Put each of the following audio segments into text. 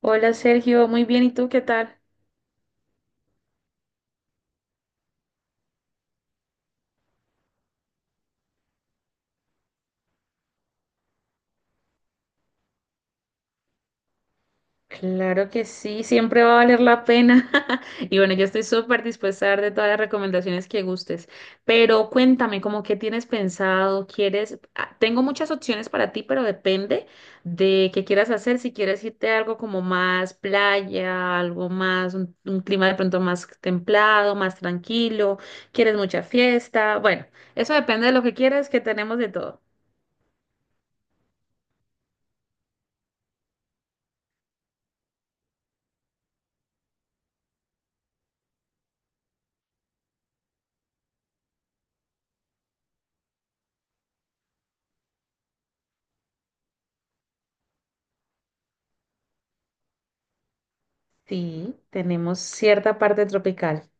Hola Sergio, muy bien, ¿y tú qué tal? Claro que sí, siempre va a valer la pena. Y bueno, yo estoy súper dispuesta a dar de todas las recomendaciones que gustes, pero cuéntame, ¿cómo qué tienes pensado? ¿Quieres? Tengo muchas opciones para ti, pero depende de qué quieras hacer. Si quieres irte a algo como más playa, algo más, un clima de pronto más templado, más tranquilo, quieres mucha fiesta. Bueno, eso depende de lo que quieras, que tenemos de todo. Sí, tenemos cierta parte tropical.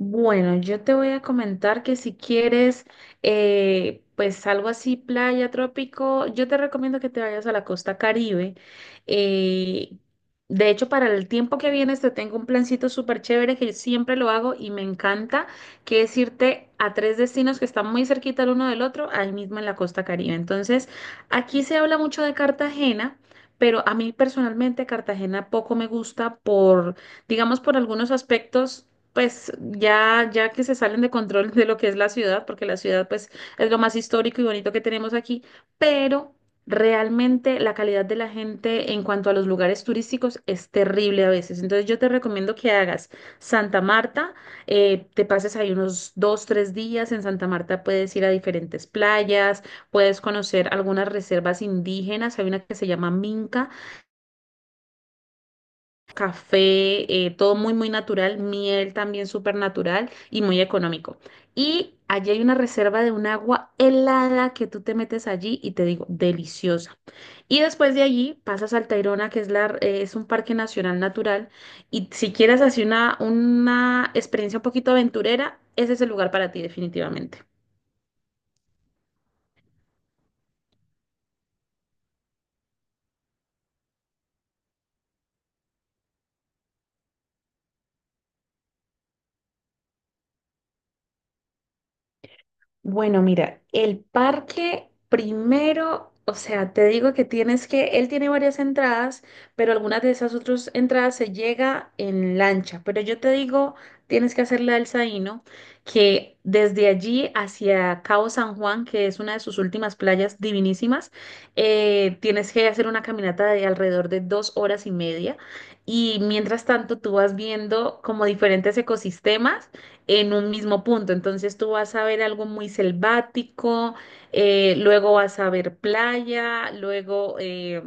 Bueno, yo te voy a comentar que si quieres, pues algo así, playa, trópico, yo te recomiendo que te vayas a la costa Caribe. Eh, de hecho, para el tiempo que vienes te tengo un plancito súper chévere que yo siempre lo hago y me encanta, que es irte a tres destinos que están muy cerquita el uno del otro, ahí mismo en la costa Caribe. Entonces, aquí se habla mucho de Cartagena. Pero a mí personalmente Cartagena poco me gusta por, digamos, por algunos aspectos pues ya que se salen de control de lo que es la ciudad, porque la ciudad pues es lo más histórico y bonito que tenemos aquí, pero realmente la calidad de la gente en cuanto a los lugares turísticos es terrible a veces. Entonces yo te recomiendo que hagas Santa Marta, te pases ahí unos 2, 3 días. En Santa Marta puedes ir a diferentes playas, puedes conocer algunas reservas indígenas, hay una que se llama Minca café, todo muy, muy natural, miel también súper natural y muy económico. Y allí hay una reserva de un agua helada que tú te metes allí y te digo, deliciosa. Y después de allí pasas al Tayrona, que es, la, es un parque nacional natural. Y si quieres hacer una experiencia un poquito aventurera, ese es el lugar para ti definitivamente. Bueno, mira, el parque primero, o sea, te digo que tienes que, él tiene varias entradas, pero algunas de esas otras entradas se llega en lancha. Pero yo te digo, tienes que hacer la del Saíno, que desde allí hacia Cabo San Juan, que es una de sus últimas playas divinísimas, tienes que hacer una caminata de alrededor de 2 horas y media. Y mientras tanto, tú vas viendo como diferentes ecosistemas en un mismo punto. Entonces tú vas a ver algo muy selvático, luego vas a ver playa, luego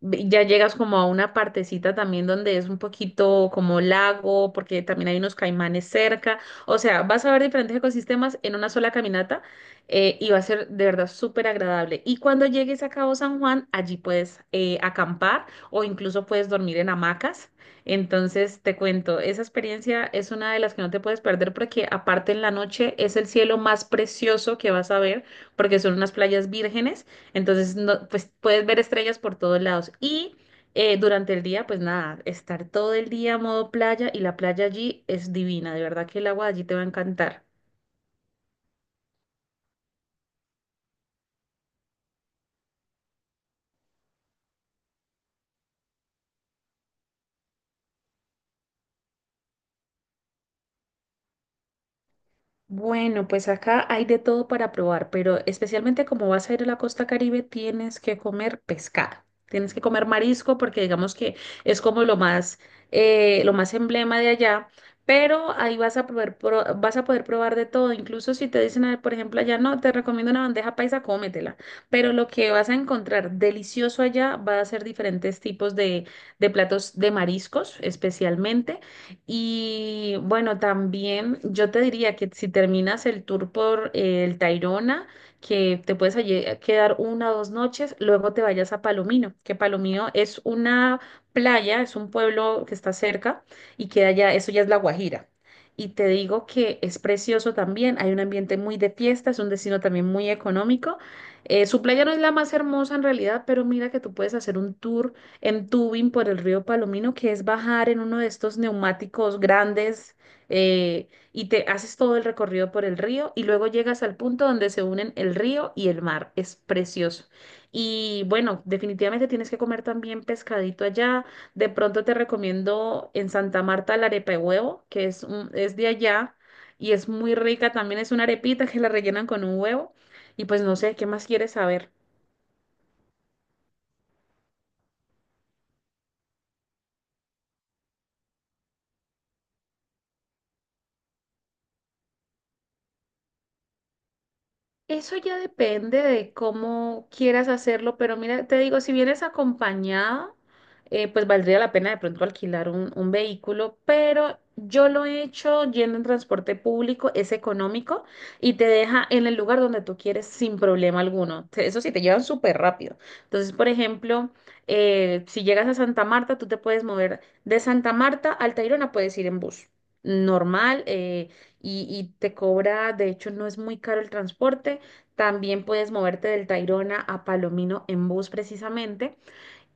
ya llegas como a una partecita también donde es un poquito como lago, porque también hay unos caimanes cerca. O sea, vas a ver diferentes ecosistemas en una sola caminata y va a ser de verdad súper agradable. Y cuando llegues a Cabo San Juan, allí puedes acampar o incluso puedes dormir en hamacas. Entonces, te cuento, esa experiencia es una de las que no te puedes perder porque aparte en la noche es el cielo más precioso que vas a ver porque son unas playas vírgenes, entonces no, pues puedes ver estrellas por todos lados y durante el día, pues nada, estar todo el día modo playa y la playa allí es divina, de verdad que el agua allí te va a encantar. Bueno, pues acá hay de todo para probar, pero especialmente como vas a ir a la costa Caribe, tienes que comer pescado, tienes que comer marisco porque digamos que es como lo más emblema de allá, pero ahí vas a poder, vas a poder probar de todo, incluso si te dicen, ah, por ejemplo, allá no, te recomiendo una bandeja paisa, cómetela, pero lo que vas a encontrar delicioso allá va a ser diferentes tipos de platos de mariscos especialmente. Y bueno, también yo te diría que si terminas el tour por el Tayrona, que te puedes allí quedar 1 o 2 noches, luego te vayas a Palomino, que Palomino es una playa, es un pueblo que está cerca y queda ya, eso ya es La Guajira. Y te digo que es precioso también, hay un ambiente muy de fiesta, es un destino también muy económico. Su playa no es la más hermosa en realidad, pero mira que tú puedes hacer un tour en tubing por el río Palomino, que es bajar en uno de estos neumáticos grandes y te haces todo el recorrido por el río y luego llegas al punto donde se unen el río y el mar. Es precioso. Y bueno, definitivamente tienes que comer también pescadito allá. De pronto te recomiendo en Santa Marta la arepa de huevo, que es, es de allá y es muy rica. También es una arepita que la rellenan con un huevo. Y pues no sé, ¿qué más quieres saber? Eso ya depende de cómo quieras hacerlo, pero mira, te digo, si vienes acompañada, pues valdría la pena de pronto alquilar un vehículo, pero yo lo he hecho yendo en transporte público, es económico y te deja en el lugar donde tú quieres sin problema alguno. Eso sí, te llevan súper rápido. Entonces, por ejemplo, si llegas a Santa Marta, tú te puedes mover de Santa Marta al Tayrona, puedes ir en bus normal. Y te cobra, de hecho no es muy caro el transporte, también puedes moverte del Tayrona a Palomino en bus precisamente.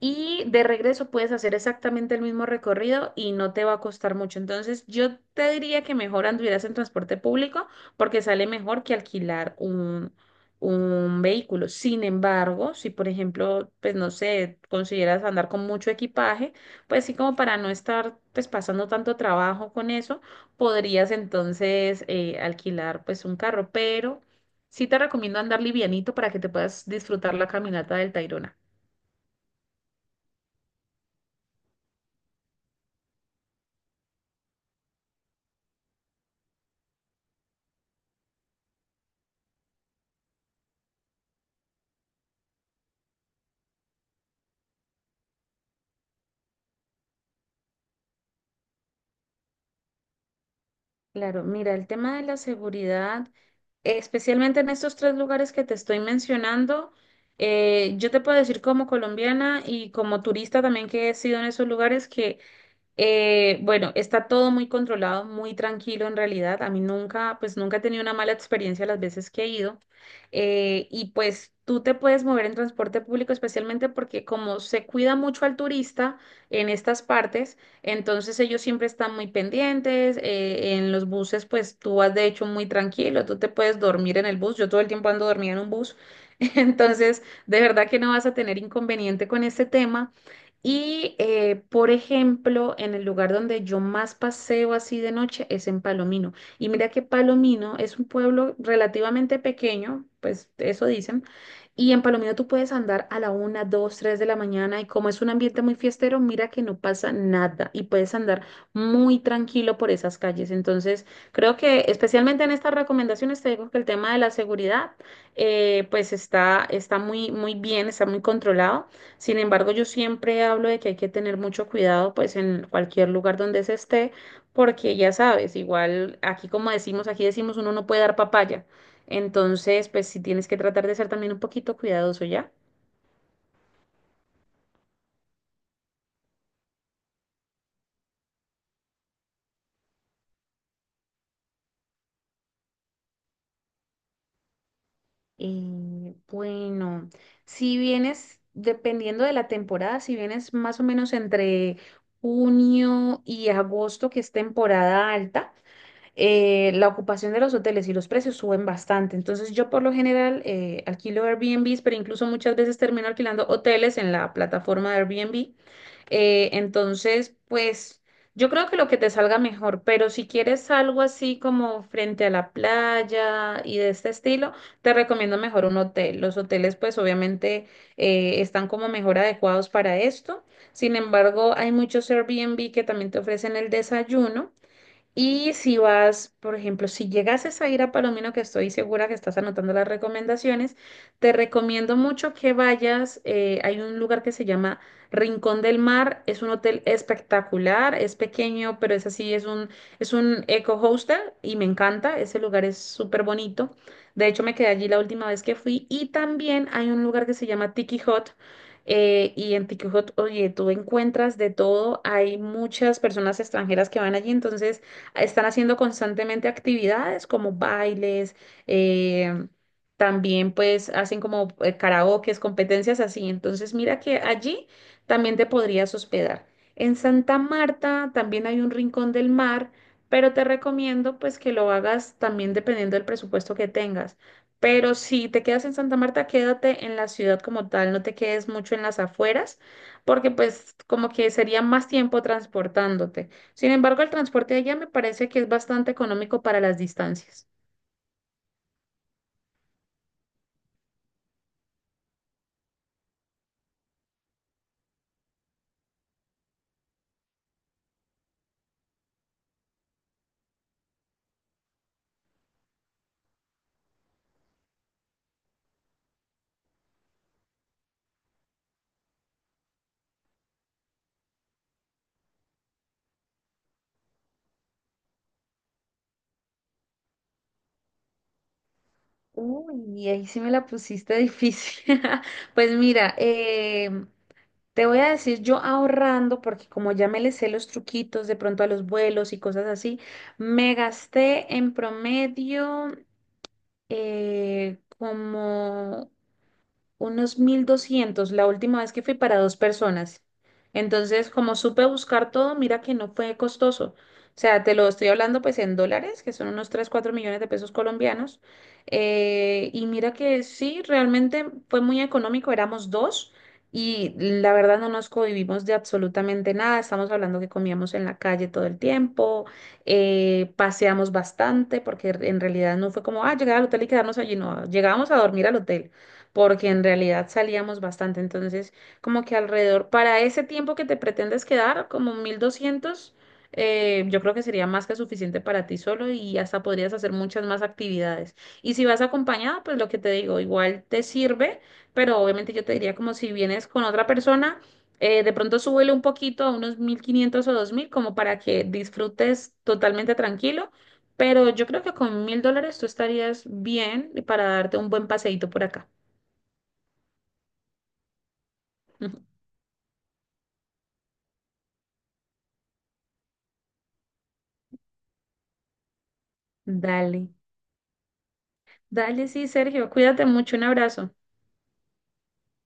Y de regreso puedes hacer exactamente el mismo recorrido y no te va a costar mucho. Entonces, yo te diría que mejor anduvieras en transporte público porque sale mejor que alquilar un vehículo. Sin embargo, si por ejemplo, pues no sé, consideras andar con mucho equipaje, pues sí como para no estar pues pasando tanto trabajo con eso, podrías entonces alquilar pues un carro. Pero sí te recomiendo andar livianito para que te puedas disfrutar la caminata del Tayrona. Claro, mira, el tema de la seguridad, especialmente en estos tres lugares que te estoy mencionando, yo te puedo decir como colombiana y como turista también que he sido en esos lugares que bueno, está todo muy controlado, muy tranquilo en realidad. A mí nunca, pues nunca he tenido una mala experiencia las veces que he ido. Y pues tú te puedes mover en transporte público, especialmente porque como se cuida mucho al turista en estas partes, entonces ellos siempre están muy pendientes. En los buses, pues tú vas de hecho muy tranquilo, tú te puedes dormir en el bus. Yo todo el tiempo ando dormida en un bus. Entonces, de verdad que no vas a tener inconveniente con este tema. Y, por ejemplo, en el lugar donde yo más paseo así de noche es en Palomino. Y mira que Palomino es un pueblo relativamente pequeño, pues eso dicen. Y en Palomino tú puedes andar a la una, dos, tres de la mañana y como es un ambiente muy fiestero, mira que no pasa nada y puedes andar muy tranquilo por esas calles. Entonces, creo que especialmente en estas recomendaciones te digo que el tema de la seguridad, pues está, está muy, muy bien, está muy controlado. Sin embargo, yo siempre hablo de que hay que tener mucho cuidado, pues en cualquier lugar donde se esté, porque ya sabes, igual aquí como decimos, aquí decimos uno no puede dar papaya. Entonces, pues sí tienes que tratar de ser también un poquito cuidadoso, ¿ya? Y bueno, si vienes, dependiendo de la temporada, si vienes más o menos entre junio y agosto, que es temporada alta, la ocupación de los hoteles y los precios suben bastante. Entonces yo por lo general alquilo Airbnbs, pero incluso muchas veces termino alquilando hoteles en la plataforma de Airbnb. Entonces, pues yo creo que lo que te salga mejor, pero si quieres algo así como frente a la playa y de este estilo, te recomiendo mejor un hotel. Los hoteles pues obviamente están como mejor adecuados para esto. Sin embargo, hay muchos Airbnb que también te ofrecen el desayuno. Y si vas, por ejemplo, si llegases a ir a Palomino, que estoy segura que estás anotando las recomendaciones, te recomiendo mucho que vayas. Hay un lugar que se llama Rincón del Mar. Es un hotel espectacular, es pequeño, pero es así, es un eco hostel y me encanta. Ese lugar es súper bonito. De hecho, me quedé allí la última vez que fui. Y también hay un lugar que se llama Tiki Hot. Y en Tiki Hot, oye, tú encuentras de todo. Hay muchas personas extranjeras que van allí, entonces están haciendo constantemente actividades como bailes, eh, también pues hacen como karaokes, competencias así. Entonces mira que allí también te podrías hospedar. En Santa Marta también hay un rincón del mar, pero te recomiendo pues que lo hagas también dependiendo del presupuesto que tengas. Pero si te quedas en Santa Marta, quédate en la ciudad como tal, no te quedes mucho en las afueras, porque pues como que sería más tiempo transportándote. Sin embargo, el transporte allá me parece que es bastante económico para las distancias. Uy, ahí sí me la pusiste difícil. Pues mira, te voy a decir yo ahorrando, porque como ya me le sé los truquitos de pronto a los vuelos y cosas así, me gasté en promedio como unos 1200 la última vez que fui para dos personas. Entonces, como supe buscar todo, mira que no fue costoso. O sea, te lo estoy hablando pues en dólares, que son unos 3 4 millones de pesos colombianos. Y mira que sí, realmente fue muy económico, éramos dos y la verdad no nos cohibimos de absolutamente nada. Estamos hablando que comíamos en la calle todo el tiempo, paseamos bastante porque en realidad no fue como, ah, llegar al hotel y quedarnos allí, no, llegábamos a dormir al hotel porque en realidad salíamos bastante. Entonces, como que alrededor, para ese tiempo que te pretendes quedar, como 1200, yo creo que sería más que suficiente para ti solo y hasta podrías hacer muchas más actividades. Y si vas acompañada, pues lo que te digo, igual te sirve, pero obviamente yo te diría como si vienes con otra persona. De pronto súbele un poquito a unos 1500 o 2000 como para que disfrutes totalmente tranquilo, pero yo creo que con $1000 tú estarías bien para darte un buen paseíto por acá. Dale, dale, sí, Sergio, cuídate mucho, un abrazo.